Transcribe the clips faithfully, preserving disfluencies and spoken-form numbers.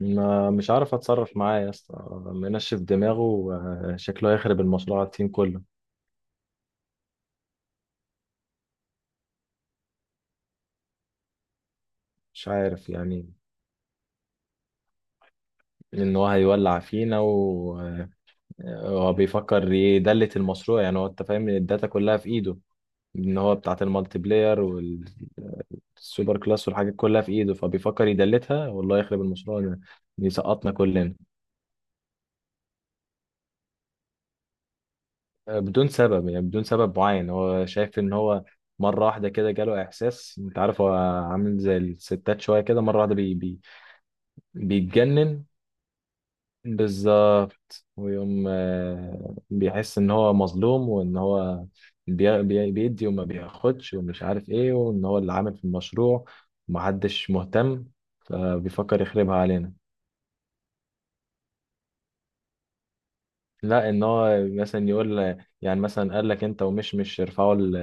ما مش عارف اتصرف معاه يا اسطى. منشف دماغه. آه، شكله هيخرب المشروع على التيم كله. مش عارف يعني. ان هو هيولع فينا، وهو بيفكر يدلت المشروع. يعني هو انت فاهم إن الداتا كلها في ايده، ان هو بتاعت المالتي بلاير والسوبر كلاس والحاجات كلها في ايده، فبيفكر يدلتها والله يخرب المشروع ده، يسقطنا كلنا. آه، بدون سبب، يعني بدون سبب معين. هو شايف ان هو مرة واحدة كده جاله إحساس، أنت عارف هو عامل زي الستات شوية كده، مرة واحدة بي بيتجنن. بالظبط. ويقوم آه، بيحس ان هو مظلوم وان هو بي- بي- بيدي وما بياخدش ومش عارف ايه، وان هو اللي عامل في المشروع ومحدش مهتم، فبيفكر يخربها علينا. لا، ان هو مثلا يقول، يعني مثلا قال لك انت، ومش مش ارفعوا ال-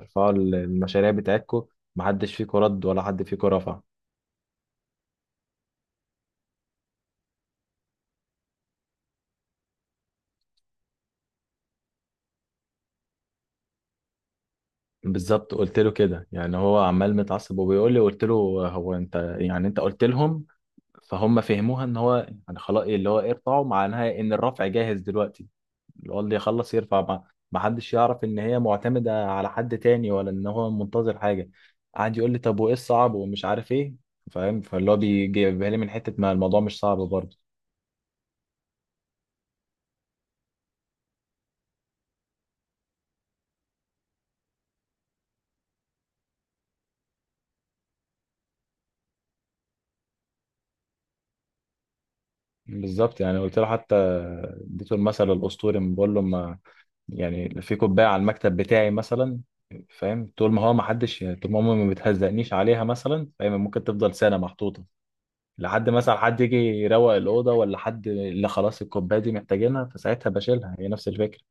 ارفعوا المشاريع بتاعتكم، محدش فيكم رد ولا حد فيكم رفع. بالظبط، قلت له كده. يعني هو عمال متعصب وبيقول لي، قلت له هو انت، يعني انت قلت لهم فهم فهموها ان هو يعني خلاص، إيه اللي هو ارفعوا، معناها ان الرفع جاهز دلوقتي، اللي هو اللي يخلص يرفع. ما ما حدش يعرف ان هي معتمده على حد تاني، ولا ان هو منتظر حاجه. قعد يقول لي طب وايه الصعب ومش عارف ايه، فاهم؟ فاللي هو بيجيبها لي من حته ما الموضوع مش صعب برضه. بالظبط، يعني قلت له، حتى اديته المثل الاسطوري، بقول له ما يعني في كوبايه على المكتب بتاعي مثلا، فاهم؟ طول ما هو، ما حدش، طول ما امي ما بتهزقنيش عليها مثلا، فاهم؟ ممكن تفضل سنه محطوطه لحد مثلا حد يجي يروق الأوضة، ولا حد اللي خلاص الكوباية دي محتاجينها، فساعتها بشيلها. هي نفس الفكرة.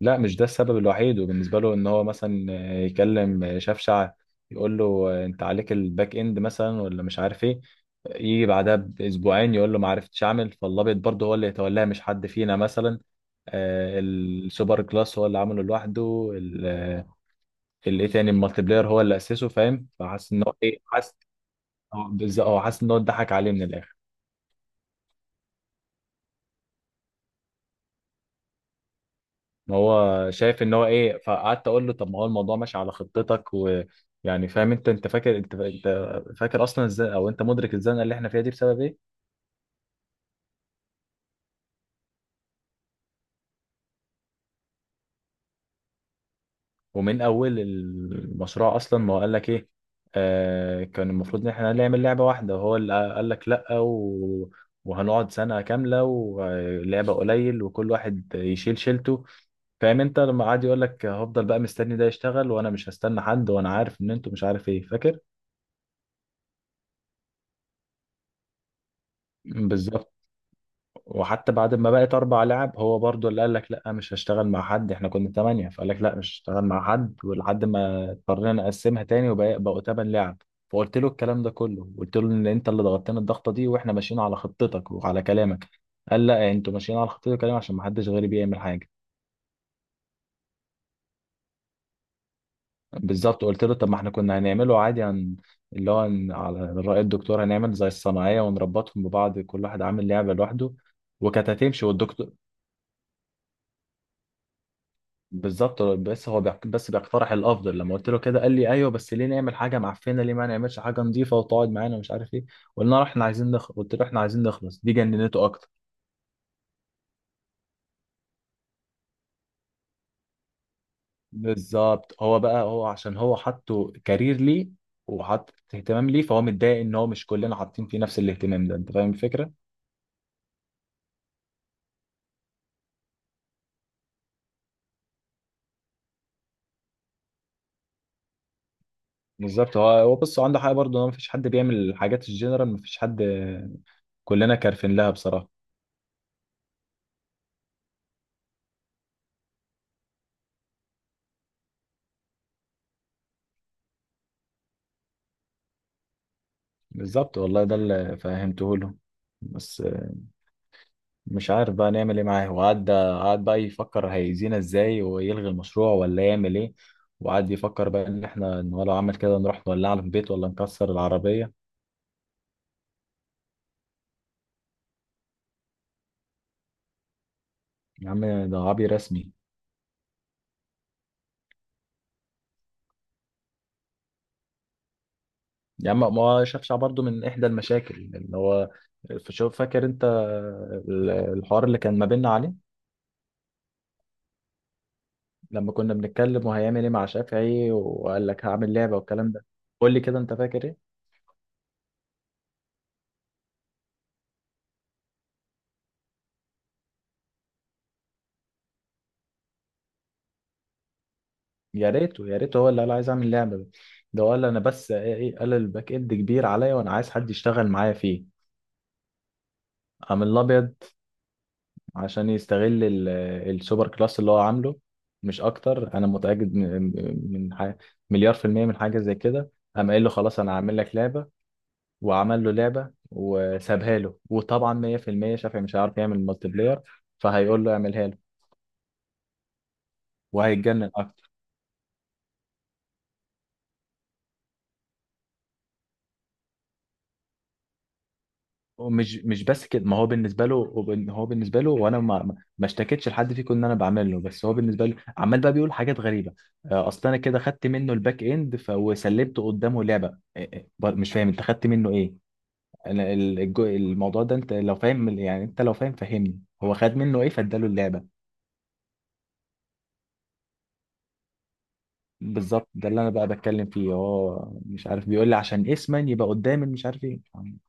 لا، مش ده السبب الوحيد. وبالنسبة له إن هو مثلا يكلم شفشع، يقول له أنت عليك الباك إند مثلا ولا مش عارف إيه، يجي بعدها بأسبوعين يقول له ما عرفتش أعمل، فاللابط برضه هو اللي يتولاها، مش حد فينا مثلا. آه، السوبر كلاس هو اللي عمله لوحده. ال- آه، الايه تاني، المالتي بلاير، هو اللي أسسه، فاهم؟ فحاسس إن هو إيه، حاسس. هو بالظبط، هو حاسس إن هو اتضحك عليه من الآخر. ما هو شايف ان هو ايه. فقعدت اقول له طب ما هو الموضوع ماشي على خطتك ويعني، فاهم؟ انت انت فاكر، انت انت فاكر اصلا ازاي، او انت مدرك الزنقه اللي احنا فيها دي بسبب ايه؟ ومن اول المشروع اصلا ما هو قال لك ايه. آه كان المفروض ان احنا نعمل لعبه واحده، وهو اللي قال لك لا، و... وهنقعد سنه كامله ولعبه قليل وكل واحد يشيل شيلته. فاهم؟ انت لما قعد يقول لك هفضل بقى مستني ده يشتغل وانا مش هستنى حد، وانا عارف ان انتوا مش عارف ايه، فاكر؟ بالظبط. وحتى بعد ما بقت اربع لعب، هو برضو اللي قال لك لا، مش هشتغل مع حد. احنا كنا ثمانية، فقال لك لا مش هشتغل مع حد، ولحد ما اضطرينا نقسمها تاني وبقوا ثمان لعب. فقلت له الكلام ده كله، قلت له ان انت اللي ضغطتنا الضغطة دي، واحنا ماشيين على خطتك وعلى كلامك. قال لا، انتوا ماشيين على خطتي وكلامي عشان ما حدش غيري بيعمل حاجة. بالظبط، قلت له طب ما احنا كنا هنعمله عادي، هن... اللي هو هن- على رأي الدكتور، هنعمل زي الصناعية ونربطهم ببعض، كل واحد عامل لعبة لوحده، وكانت هتمشي والدكتور. بالظبط، بس هو بيق- بس بيقترح الافضل. لما قلت له كده، قال لي ايوه بس ليه نعمل حاجه معفنه، ليه ما نعملش حاجه نظيفه وتقعد معانا ومش عارف ايه. قلنا له احنا عايزين نخلص، قلت له احنا عايزين نخلص، دي جننته اكتر. بالظبط. هو بقى هو عشان هو حطه كارير ليه، وحط اهتمام ليه، فهو متضايق ان هو مش كلنا حاطين فيه نفس الاهتمام ده. انت فاهم الفكره؟ بالظبط. هو هو بص، هو عنده حق برضه، هو مفيش حد بيعمل الحاجات الجنرال، مفيش حد، كلنا كارفين لها بصراحه. بالظبط والله، ده اللي فهمته له. بس مش عارف بقى نعمل ايه معاه. وقعد قعد بقى يفكر هيأذينا ازاي، ويلغي المشروع ولا يعمل ايه. وقعد يفكر بقى ان احنا، إن هو لو عمل كده نروح نولعه في البيت ولا نكسر العربية. يا عم ده عبي رسمي. يا عم ما هو شافش برضه، من احدى المشاكل اللي هو، شوف، فاكر انت ال- الحوار اللي كان ما بيننا عليه؟ لما كنا بنتكلم وهيعمل ايه مع شافعي، وقال لك هعمل لعبة والكلام ده، قول لي كده، انت فاكر ايه؟ يا ريته، يا ريته هو اللي قال عايز اعمل لعبه ده. ده هو قال انا بس ايه، إيه- قال الباك اند كبير عليا وانا عايز حد يشتغل معايا فيه. قام الابيض عشان يستغل ال- السوبر كلاس اللي هو عامله، مش اكتر. انا متاكد من من ح- مليار في الميه من حاجه زي كده. قام قايل له خلاص انا هعمل لك لعبه، وعمل له لعبه وسابها له. وطبعا مية في الميه شافعي مش هيعرف يعمل مالتي بلاير، فهيقول له اعملها له. وهيتجنن. ومش مش بس كده، ما هو بالنسبه له هو بن- هو بالنسبه له، وانا ما ما ما اشتكيتش لحد فيكم ان انا بعمل له، بس هو بالنسبه له عمال بقى بيقول حاجات غريبه. آه، اصل انا كده خدت منه الباك اند ف- وسلبت قدامه لعبه. آه، آه، بر- مش فاهم، انت خدت منه ايه؟ انا ال- الج- الموضوع ده انت لو فاهم، يعني انت لو فاهم فهمني، هو خد منه ايه فاداله اللعبه؟ بالظبط، ده اللي انا بقى بتكلم فيه. هو مش عارف، بيقول لي عشان اسما يبقى قدام مش عارف ايه.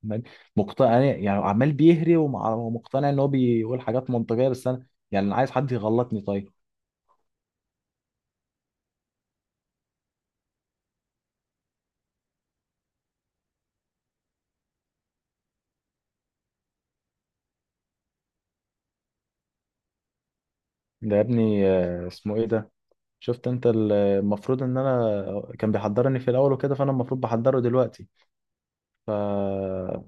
عمال مقتنع، يعني يعني عمال بيهري ومع- ومقتنع ان هو بيقول حاجات منطقيه، بس انا يعني انا عايز حد يغلطني طيب. ده يا ابني آه، اسمه ايه ده. شفت انت ال- المفروض ان انا كان بيحضرني في الاول وكده، فانا المفروض بحضره دلوقتي. ف آه،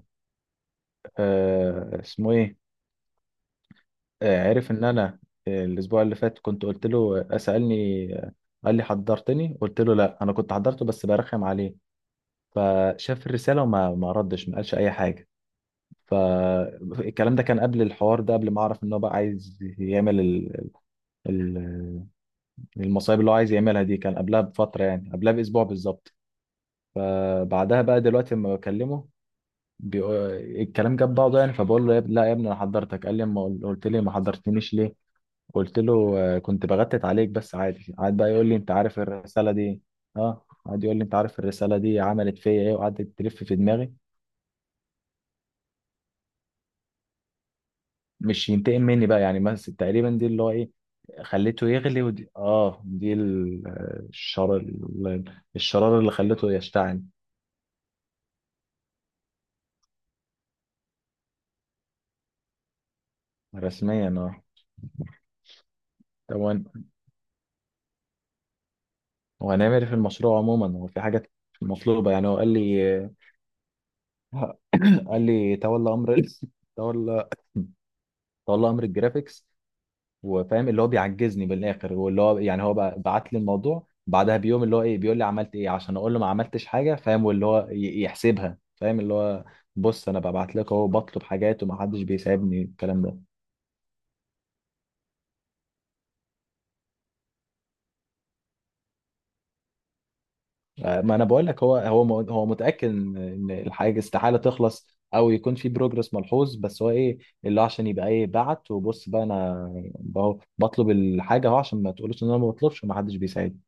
اسمه ايه، آه، عرف ان انا، آه، الاسبوع اللي فات كنت قلت له، آه، سالني، آه، قال لي حضرتني، قلت له لا انا كنت حضرته بس برخم عليه. فشاف الرسالة وما ما ردش، ما قالش أي حاجة. فالكلام ده كان قبل الحوار ده، قبل ما أعرف إن هو بقى عايز يعمل ال- ال- المصايب اللي هو عايز يعملها دي. كان قبلها بفترة، يعني قبلها بأسبوع بالظبط. بعدها بقى دلوقتي لما بكلمه بيقو... الكلام جاب بعضه يعني، فبقول له يا اب- لا يا ابني انا حضرتك، قال لي ما قل- قلت لي ما حضرتنيش ليه؟ قلت له آه، كنت بغتت عليك بس عادي. قعد بقى يقول لي انت عارف الرساله دي، اه قعد يقول لي انت عارف الرساله دي عملت فيا ايه، وقعدت تلف في دماغي. مش ينتقم مني بقى يعني، بس تقريبا دي اللي هو ايه، خليته يغلي. ودي اه دي ال- الشر ال- الشرارة اللي خليته يشتعل. رسميا اه. طب وهن- وهنعمل إيه في المشروع عموما؟ هو في حاجات مطلوبة، يعني هو قال لي، قال لي تولى امر ال- تولى تولى امر الجرافيكس، وفاهم اللي هو بيعجزني بالاخر. واللي هو يعني هو بقى بعت لي الموضوع بعدها بيوم، اللي هو ايه بيقول لي عملت ايه، عشان اقول له ما عملتش حاجه، فاهم؟ واللي هو ي- يحسبها، فاهم؟ اللي هو بص انا ببعت لك اهو بطلب حاجات ومحدش بيساعدني، الكلام ده. آه، ما انا بقول لك، هو هو م- هو متاكد ان إن الحاجه استحاله تخلص، او يكون في بروجرس ملحوظ، بس هو ايه اللي هو عشان يبقى ايه، بعت. وبص بقى، انا بهو- بطلب الحاجه اهو عشان ما تقولوش ان انا ما بطلبش ومحدش بيساعدني.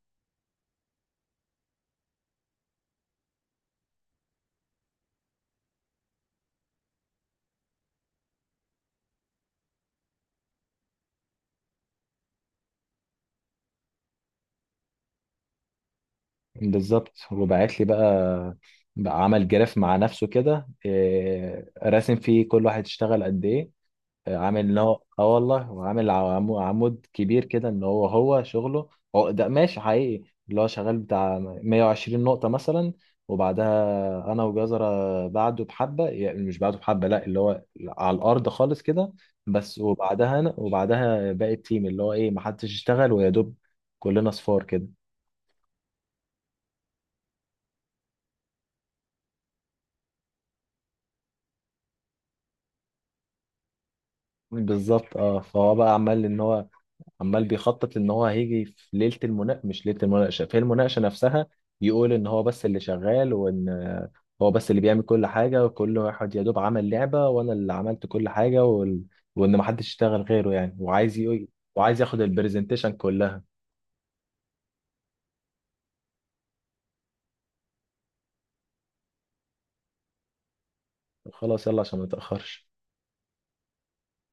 بالظبط. وبعت لي بقى، بقى عمل جراف مع نفسه كده إيه، راسم فيه كل واحد اشتغل قد ايه. إيه، عامل ان هو اه والله. وعامل عمو- عمود كبير كده ان هو، هو شغله، هو ده ماشي حقيقي، اللي هو شغال بتاع مية وعشرين نقطة مثلا. وبعدها انا وجزرة بعده بحبة، يعني مش بعده بحبة، لا، اللي هو على الارض خالص كده، بس. وبعدها انا، وبعدها باقي التيم اللي هو ايه، محدش اشتغل، ويا دوب كلنا صفار كده. بالظبط. اه فهو بقى عمال ان هو، عمال بيخطط ان هو هيجي في ليله المناقشه، مش ليله المناقشه، في المناقشه نفسها، يقول ان هو بس اللي شغال، وان آه، هو بس اللي بيعمل كل حاجه، وكل واحد يا دوب عمل لعبه، وانا اللي عملت كل حاجه وال... وان محدش يشتغل غيره يعني. وعايز يقول... وعايز ياخد البرزنتيشن كلها. خلاص يلا عشان ما تاخرش.